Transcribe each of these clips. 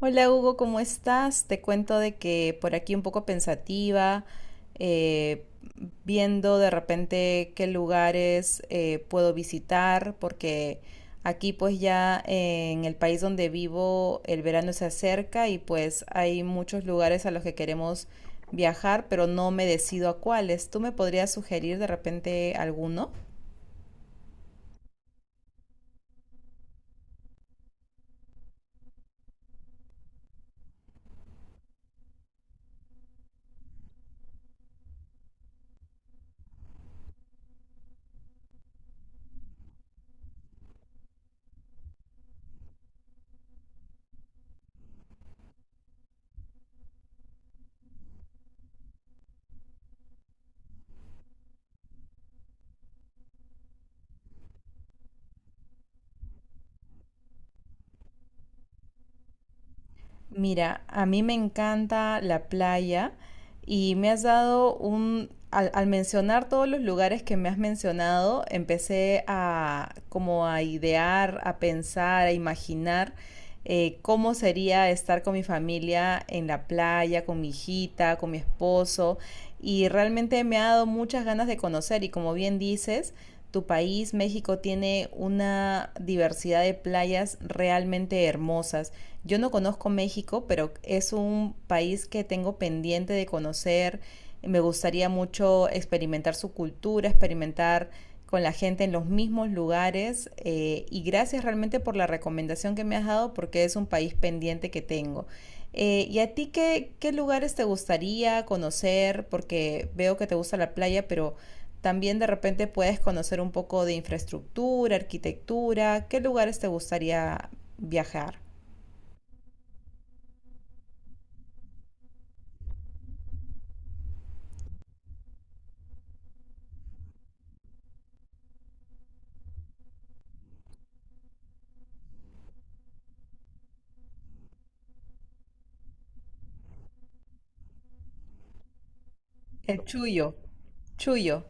Hola Hugo, ¿cómo estás? Te cuento de que por aquí un poco pensativa, eh, viendo de repente qué lugares puedo visitar, porque aquí pues ya en el país donde vivo el verano se acerca y pues hay muchos lugares a los que queremos viajar, pero no me decido a cuáles. ¿Tú me podrías sugerir de repente alguno? Mira, a mí me encanta la playa y me has dado un, al, al mencionar todos los lugares que me has mencionado, empecé a como a idear, a pensar, a imaginar cómo sería estar con mi familia en la playa, con mi hijita, con mi esposo y realmente me ha dado muchas ganas de conocer y como bien dices, tu país, México, tiene una diversidad de playas realmente hermosas. Yo no conozco México, pero es un país que tengo pendiente de conocer. Me gustaría mucho experimentar su cultura, experimentar con la gente en los mismos lugares. Y gracias realmente por la recomendación que me has dado porque es un país pendiente que tengo. ¿Y a ti qué, qué lugares te gustaría conocer? Porque veo que te gusta la playa, pero también de repente puedes conocer un poco de infraestructura, arquitectura. ¿Qué lugares te gustaría viajar? El chuyo, chuyo.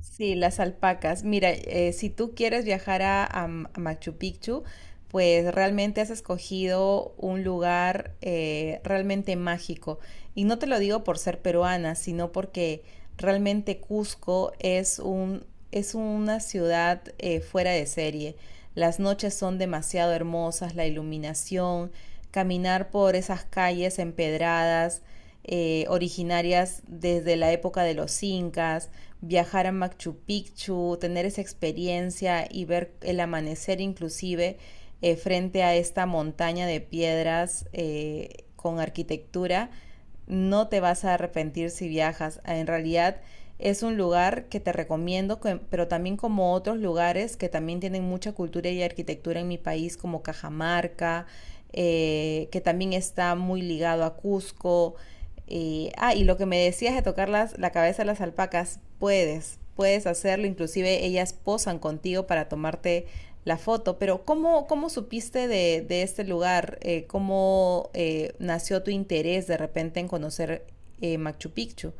Sí, las alpacas. Mira, si tú quieres viajar a a Machu Picchu, pues realmente has escogido un lugar realmente mágico. Y no te lo digo por ser peruana, sino porque realmente Cusco es un, es una ciudad fuera de serie. Las noches son demasiado hermosas, la iluminación, caminar por esas calles empedradas, originarias desde la época de los incas, viajar a Machu Picchu, tener esa experiencia y ver el amanecer inclusive frente a esta montaña de piedras con arquitectura, no te vas a arrepentir si viajas. En realidad es un lugar que te recomiendo, pero también como otros lugares que también tienen mucha cultura y arquitectura en mi país, como Cajamarca, que también está muy ligado a Cusco, y, ah, y lo que me decías de tocar la cabeza de las alpacas, puedes, puedes hacerlo, inclusive ellas posan contigo para tomarte la foto, pero ¿cómo, cómo supiste de este lugar? ¿Cómo nació tu interés de repente en conocer Machu Picchu?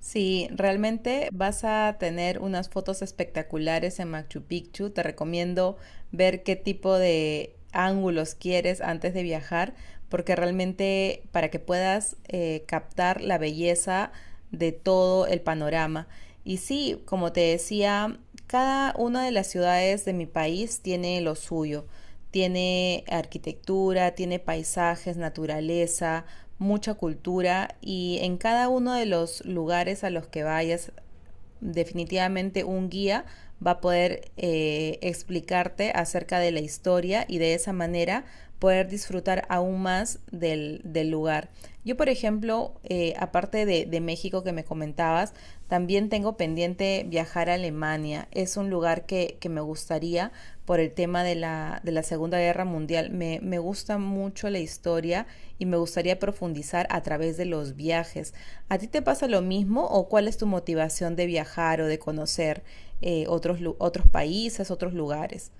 Sí, realmente vas a tener unas fotos espectaculares en Machu Picchu. Te recomiendo ver qué tipo de ángulos quieres antes de viajar, porque realmente para que puedas captar la belleza de todo el panorama. Y sí, como te decía, cada una de las ciudades de mi país tiene lo suyo. Tiene arquitectura, tiene paisajes, naturaleza, mucha cultura y en cada uno de los lugares a los que vayas, definitivamente un guía va a poder explicarte acerca de la historia y de esa manera poder disfrutar aún más del, del lugar. Yo, por ejemplo, aparte de México que me comentabas, también tengo pendiente viajar a Alemania. Es un lugar que me gustaría por el tema de la Segunda Guerra Mundial. Me gusta mucho la historia y me gustaría profundizar a través de los viajes. ¿A ti te pasa lo mismo o cuál es tu motivación de viajar o de conocer otros, otros países, otros lugares?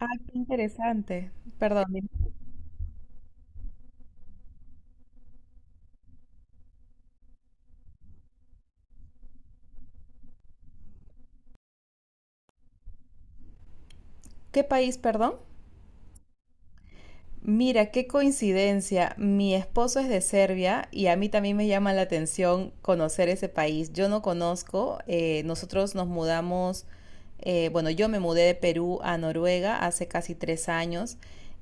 Ah, qué interesante. Perdón. ¿Qué país, perdón? Mira, qué coincidencia. Mi esposo es de Serbia y a mí también me llama la atención conocer ese país. Yo no conozco, nosotros nos mudamos, bueno, yo me mudé de Perú a Noruega hace casi 3 años,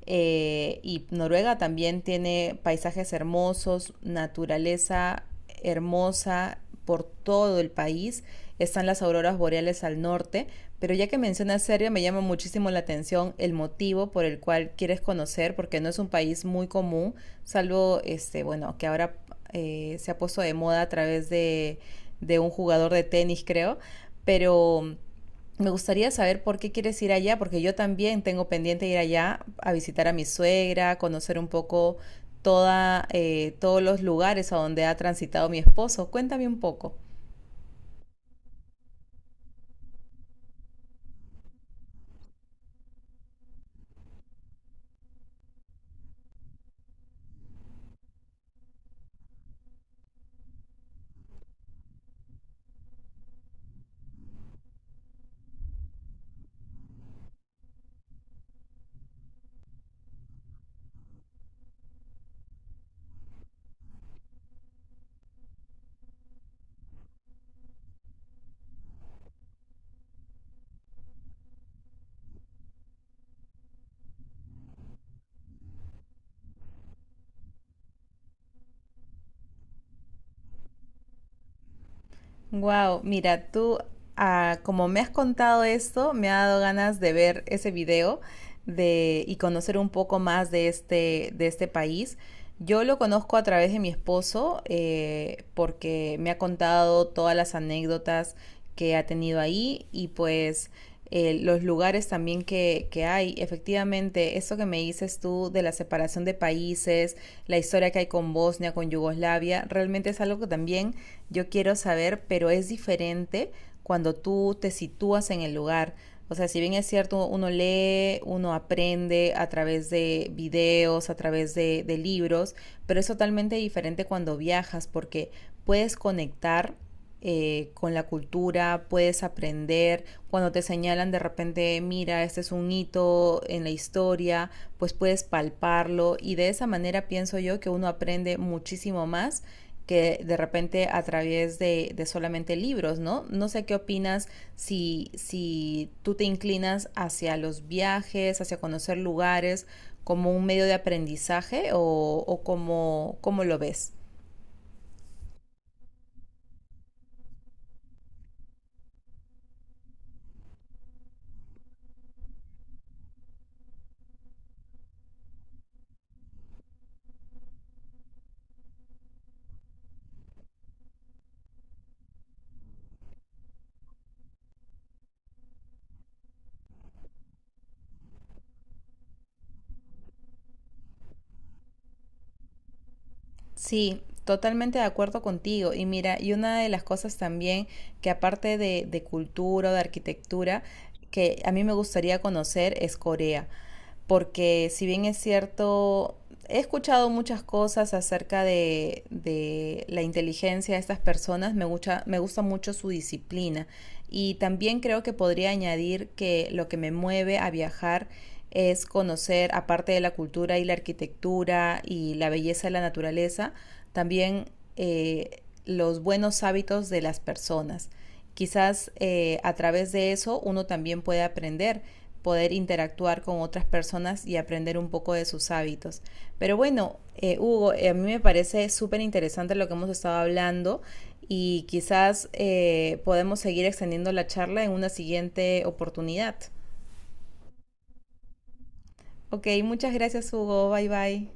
y Noruega también tiene paisajes hermosos, naturaleza hermosa por todo el país. Están las auroras boreales al norte, pero ya que mencionas Serbia me llama muchísimo la atención el motivo por el cual quieres conocer, porque no es un país muy común, salvo este, bueno, que ahora se ha puesto de moda a través de un jugador de tenis, creo, pero me gustaría saber por qué quieres ir allá, porque yo también tengo pendiente ir allá a visitar a mi suegra, conocer un poco toda, todos los lugares a donde ha transitado mi esposo. Cuéntame un poco. Wow, mira, tú, ah, como me has contado esto, me ha dado ganas de ver ese video de, y conocer un poco más de este país. Yo lo conozco a través de mi esposo, porque me ha contado todas las anécdotas que ha tenido ahí y pues los lugares también que, hay. Efectivamente, eso que me dices tú de la separación de países, la historia que hay con Bosnia, con Yugoslavia, realmente es algo que también yo quiero saber, pero es diferente cuando tú te sitúas en el lugar. O sea, si bien es cierto, uno lee, uno aprende a través de videos, a través de libros, pero es totalmente diferente cuando viajas porque puedes conectar con la cultura, puedes aprender. Cuando te señalan de repente, mira, este es un hito en la historia, pues puedes palparlo y de esa manera pienso yo que uno aprende muchísimo más que de repente a través de solamente libros, ¿no? No sé qué opinas si, si tú te inclinas hacia los viajes, hacia conocer lugares como un medio de aprendizaje o cómo, cómo lo ves. Sí, totalmente de acuerdo contigo. Y mira, y una de las cosas también que aparte de cultura o de arquitectura, que a mí me gustaría conocer es Corea porque si bien es cierto, he escuchado muchas cosas acerca de la inteligencia de estas personas, me gusta mucho su disciplina y también creo que podría añadir que lo que me mueve a viajar es conocer, aparte de la cultura y la arquitectura y la belleza de la naturaleza, también los buenos hábitos de las personas. Quizás a través de eso uno también puede aprender, poder interactuar con otras personas y aprender un poco de sus hábitos. Pero bueno, Hugo, a mí me parece súper interesante lo que hemos estado hablando y quizás podemos seguir extendiendo la charla en una siguiente oportunidad. Ok, muchas gracias Hugo, bye bye.